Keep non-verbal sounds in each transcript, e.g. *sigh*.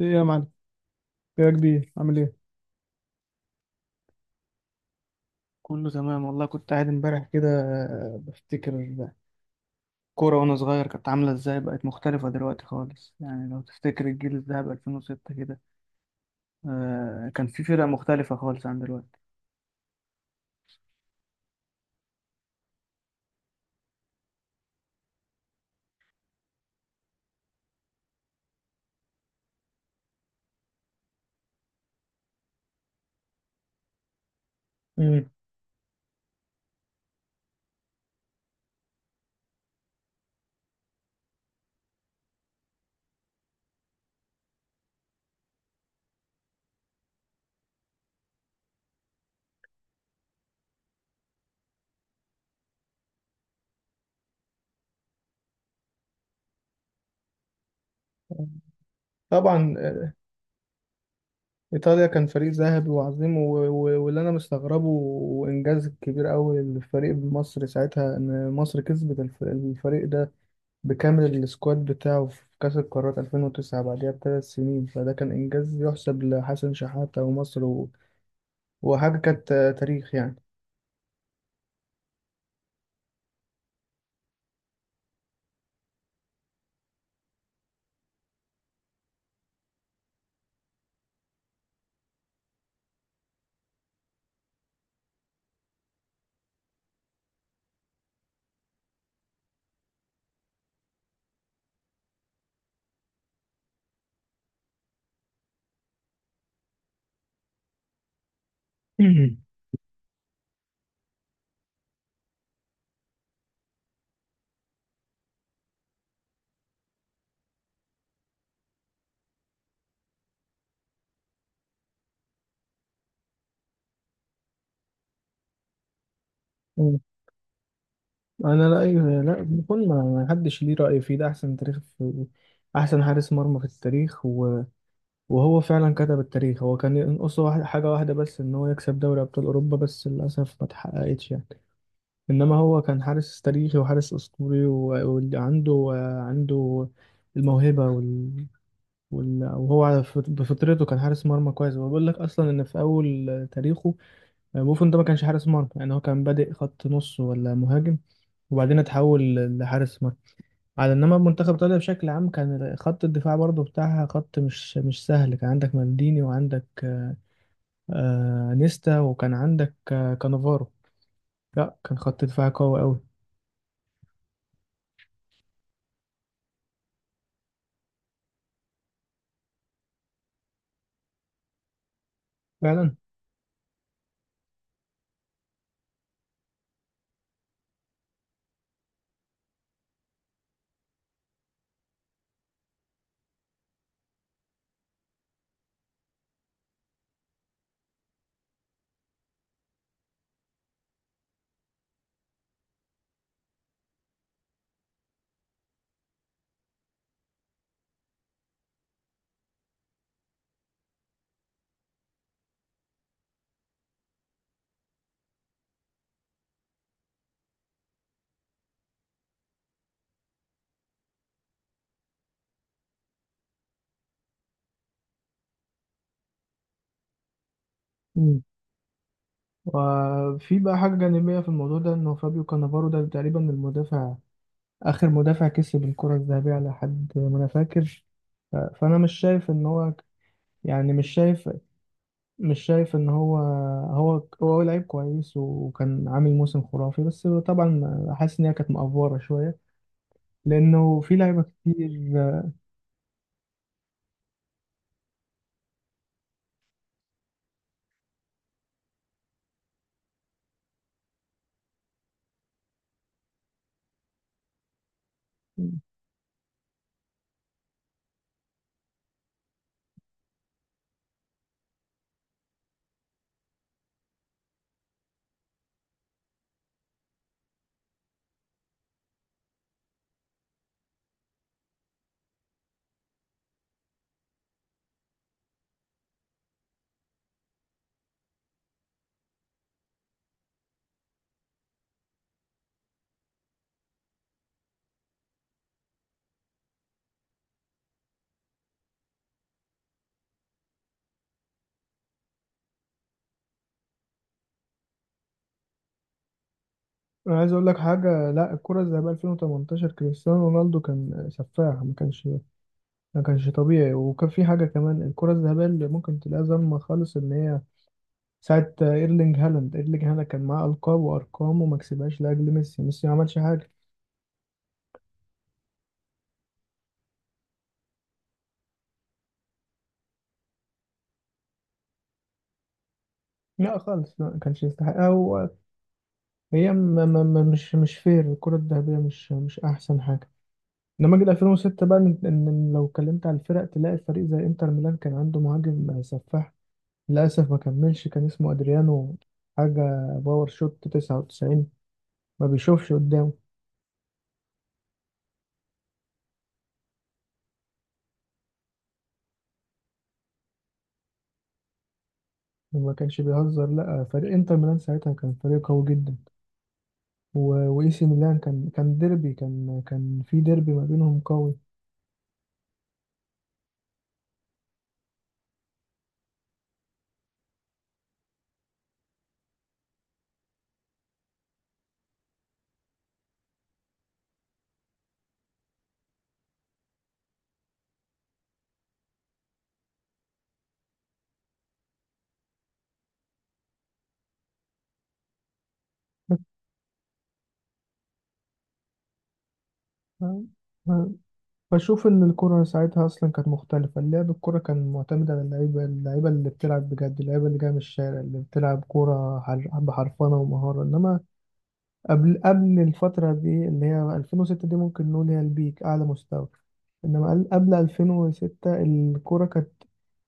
ايه يا معلم، ايه يا كبير، عامل ايه؟ كله تمام والله. كنت قاعد امبارح كده، بفتكر كورة وانا صغير كانت عاملة ازاي، بقت مختلفة دلوقتي خالص. يعني لو تفتكر الجيل الذهبي 2006 كده، كان في فرق مختلفة خالص عن دلوقتي. مم. طبعا. ايطاليا كان فريق ذهبي وعظيم، واللي انا مستغربه وانجاز كبير قوي للفريق بمصر ساعتها ان مصر كسبت الفريق ده بكامل السكواد بتاعه في كأس القارات 2009 بعدها ب3 سنين. فده كان إنجاز يحسب لحسن شحاتة ومصر، و... وحاجة كانت تاريخ يعني. *clears throat* مم. أنا، لا أيوه، لا بكون، ما ما حدش ليه رأي فيه. ده أحسن تاريخ في، أحسن حارس مرمى في التاريخ. و... وهو فعلا كتب التاريخ. هو كان ينقصه حاجة واحدة بس، إن هو يكسب دوري أبطال أوروبا، بس للأسف ما اتحققتش يعني. إنما هو كان حارس تاريخي وحارس أسطوري، وعنده عنده الموهبة، وهو على بفطرته كان حارس مرمى كويس. هو بيقول لك اصلا ان في اول تاريخه، بوفون ده ما كانش حارس مرمى يعني. هو كان بادئ خط نص ولا مهاجم، وبعدين اتحول لحارس مرمى. على انما منتخب ايطاليا بشكل عام، كان خط الدفاع برضه بتاعها خط مش سهل. كان عندك مالديني، وعندك نيستا، وكان عندك كانافارو. لا، كان خط دفاع قوي قوي. فعلا. مم. وفي بقى حاجة جانبية في الموضوع ده، إنه فابيو كانافارو ده تقريبا المدافع، آخر مدافع كسب الكرة الذهبية على حد ما أنا فاكر. فأنا مش شايف إن هو، يعني مش شايف إن هو لعيب كويس وكان عامل موسم خرافي، بس طبعا حاسس إن هي كانت مأفورة شوية لأنه في لعيبة كتير. أنا عايز أقول لك حاجة. لا، الكرة الذهبية 2018 كريستيانو رونالدو كان سفاح. ما كانش طبيعي. وكان في حاجة كمان، الكرة الذهبية اللي ممكن تلاقيها ظلمة خالص، إن هي ساعة ايرلينج هالاند كان معاه ألقاب وأرقام وما كسبهاش لأجل ميسي. ما عملش حاجة. لا خالص. لا، ما كانش يستحقها، وهي، مش فير. الكرة الذهبية مش أحسن حاجة. إنما جيل 2006 بقى، إن لو اتكلمت على الفرق تلاقي فريق زي إنتر ميلان كان عنده مهاجم سفاح، للأسف ما كملش، كان اسمه أدريانو. حاجة، باور شوت 99، ما بيشوفش قدامه. وما كانش بيهزر، لا، فريق إنتر ميلان ساعتها كان فريق قوي جدا. واي سي ميلان، كان ديربي، كان في ديربي ما بينهم قوي. بس- ب- بشوف ان الكرة ساعتها اصلا كانت مختلفة. اللعب، الكرة كان معتمد على اللعيبة، اللعيبة اللي بتلعب بجد، اللعيبة اللي جاية من الشارع، اللي بتلعب كرة بحرفنة ومهارة. انما قبل الفترة دي اللي هي 2006 دي، ممكن نقول هي البيك، أعلى مستوى. إنما قبل 2006 الكورة كانت،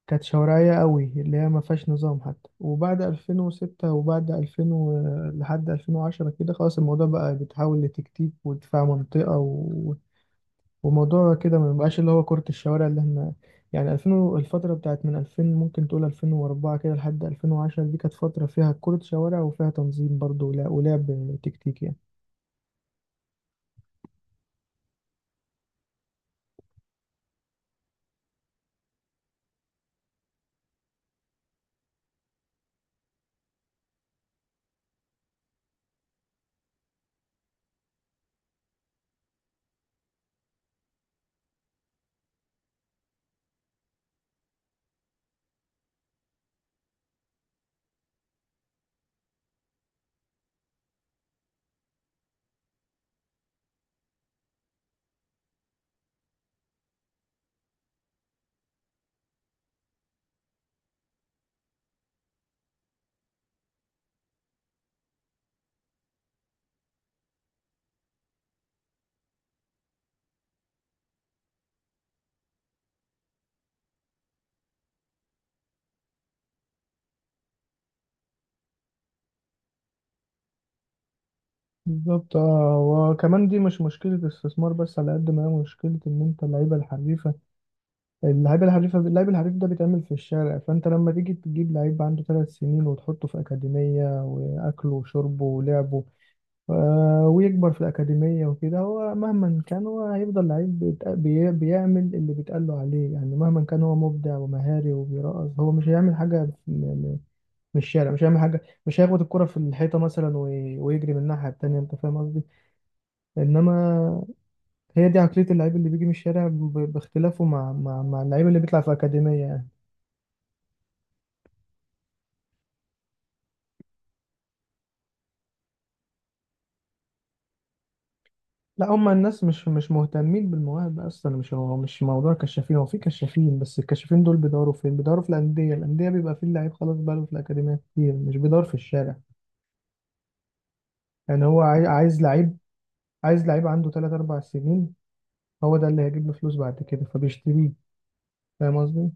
شوارعية قوي اللي هي ما فيهاش نظام حتى. وبعد 2006 وبعد 2000 لحد 2010 كده، خلاص، الموضوع بقى بيتحول لتكتيك ودفاع منطقة، و... وموضوع كده ما بقاش اللي هو كرة الشوارع اللي احنا. يعني 2000 الفترة بتاعت من 2000 ممكن تقول 2004 كده لحد 2010، دي كانت فترة فيها كرة شوارع وفيها تنظيم برضه، ولعب تكتيكي يعني. بالظبط. اه، وكمان دي مش مشكلة استثمار بس، على قد ما هي مشكلة، إن أنت اللعيبة الحريفة، اللعيب الحريف ده بيتعمل في الشارع. فأنت لما تيجي تجيب لعيب عنده ثلاث سنين وتحطه في أكاديمية، وأكله وشربه ولعبه، ويكبر في الأكاديمية وكده، هو مهما كان هو هيفضل لعيب بيعمل اللي بيتقال له عليه. يعني مهما كان هو مبدع ومهاري وبيرقص، هو مش هيعمل حاجة من الشارع. مش هيعمل حاجة، مش هيخبط الكرة في الحيطة مثلا ويجري من الناحية التانية. أنت فاهم قصدي؟ انما هي دي عقليه اللعيب اللي بيجي من الشارع، باختلافه مع مع اللعيب اللي بيطلع في اكاديميه يعني. لا، هم الناس مش مهتمين بالمواهب اصلا. مش هو مش موضوع كشافين، هو في كشافين، بس الكشافين دول بيدوروا فين؟ بيدوروا في الانديه، الانديه بيبقى فيه اللعيب خلاص، بقاله في الاكاديميه كتير، مش بيدور في الشارع. يعني هو عايز لعيب، عنده 3 4 سنين. هو ده اللي هيجيب له فلوس بعد كده، فبيشتريه. فاهم قصدي؟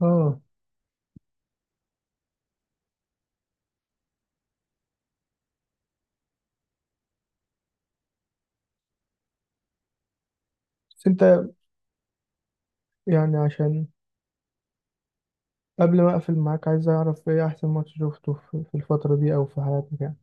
اه، بس انت يعني، عشان قبل ما اقفل معاك، عايز اعرف ايه احسن ماتش شفته في الفترة دي او في حياتك يعني.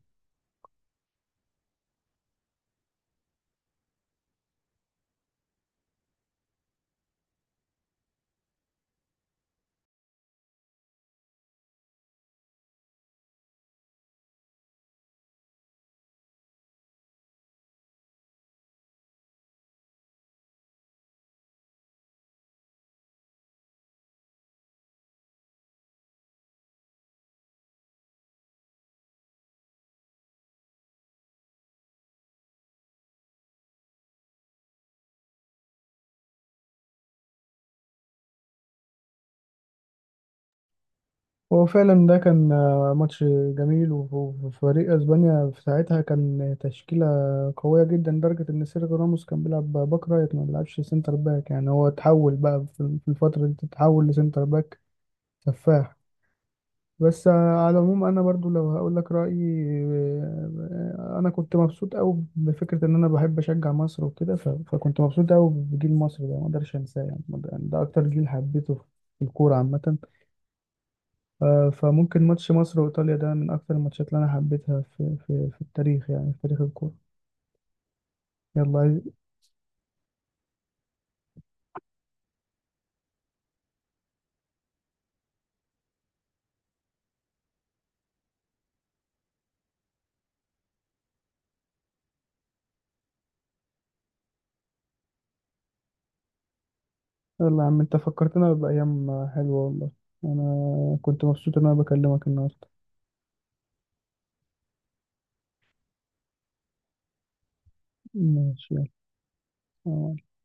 هو فعلا ده كان ماتش جميل. وفريق اسبانيا في ساعتها كان تشكيلة قوية جدا، لدرجة ان سيرجيو راموس كان بيلعب باك رايت ما بيلعبش سنتر باك. يعني هو اتحول بقى في الفترة دي، تتحول لسنتر باك سفاح. بس على العموم انا برضو لو هقول لك رايي، انا كنت مبسوط قوي بفكره ان انا بحب اشجع مصر وكده. فكنت مبسوط قوي بجيل مصر ده، ما اقدرش انساه يعني. ما أقدر- ده اكتر جيل حبيته في الكوره عامه. فممكن ماتش مصر وايطاليا ده من اكتر الماتشات اللي انا حبيتها في التاريخ يعني، في تاريخ الكوره. يلا عايز- يلا يا عم، انت فكرتنا بايام حلوه والله. انا كنت مبسوط ان انا بكلمك النهارده. ماشي. يلا.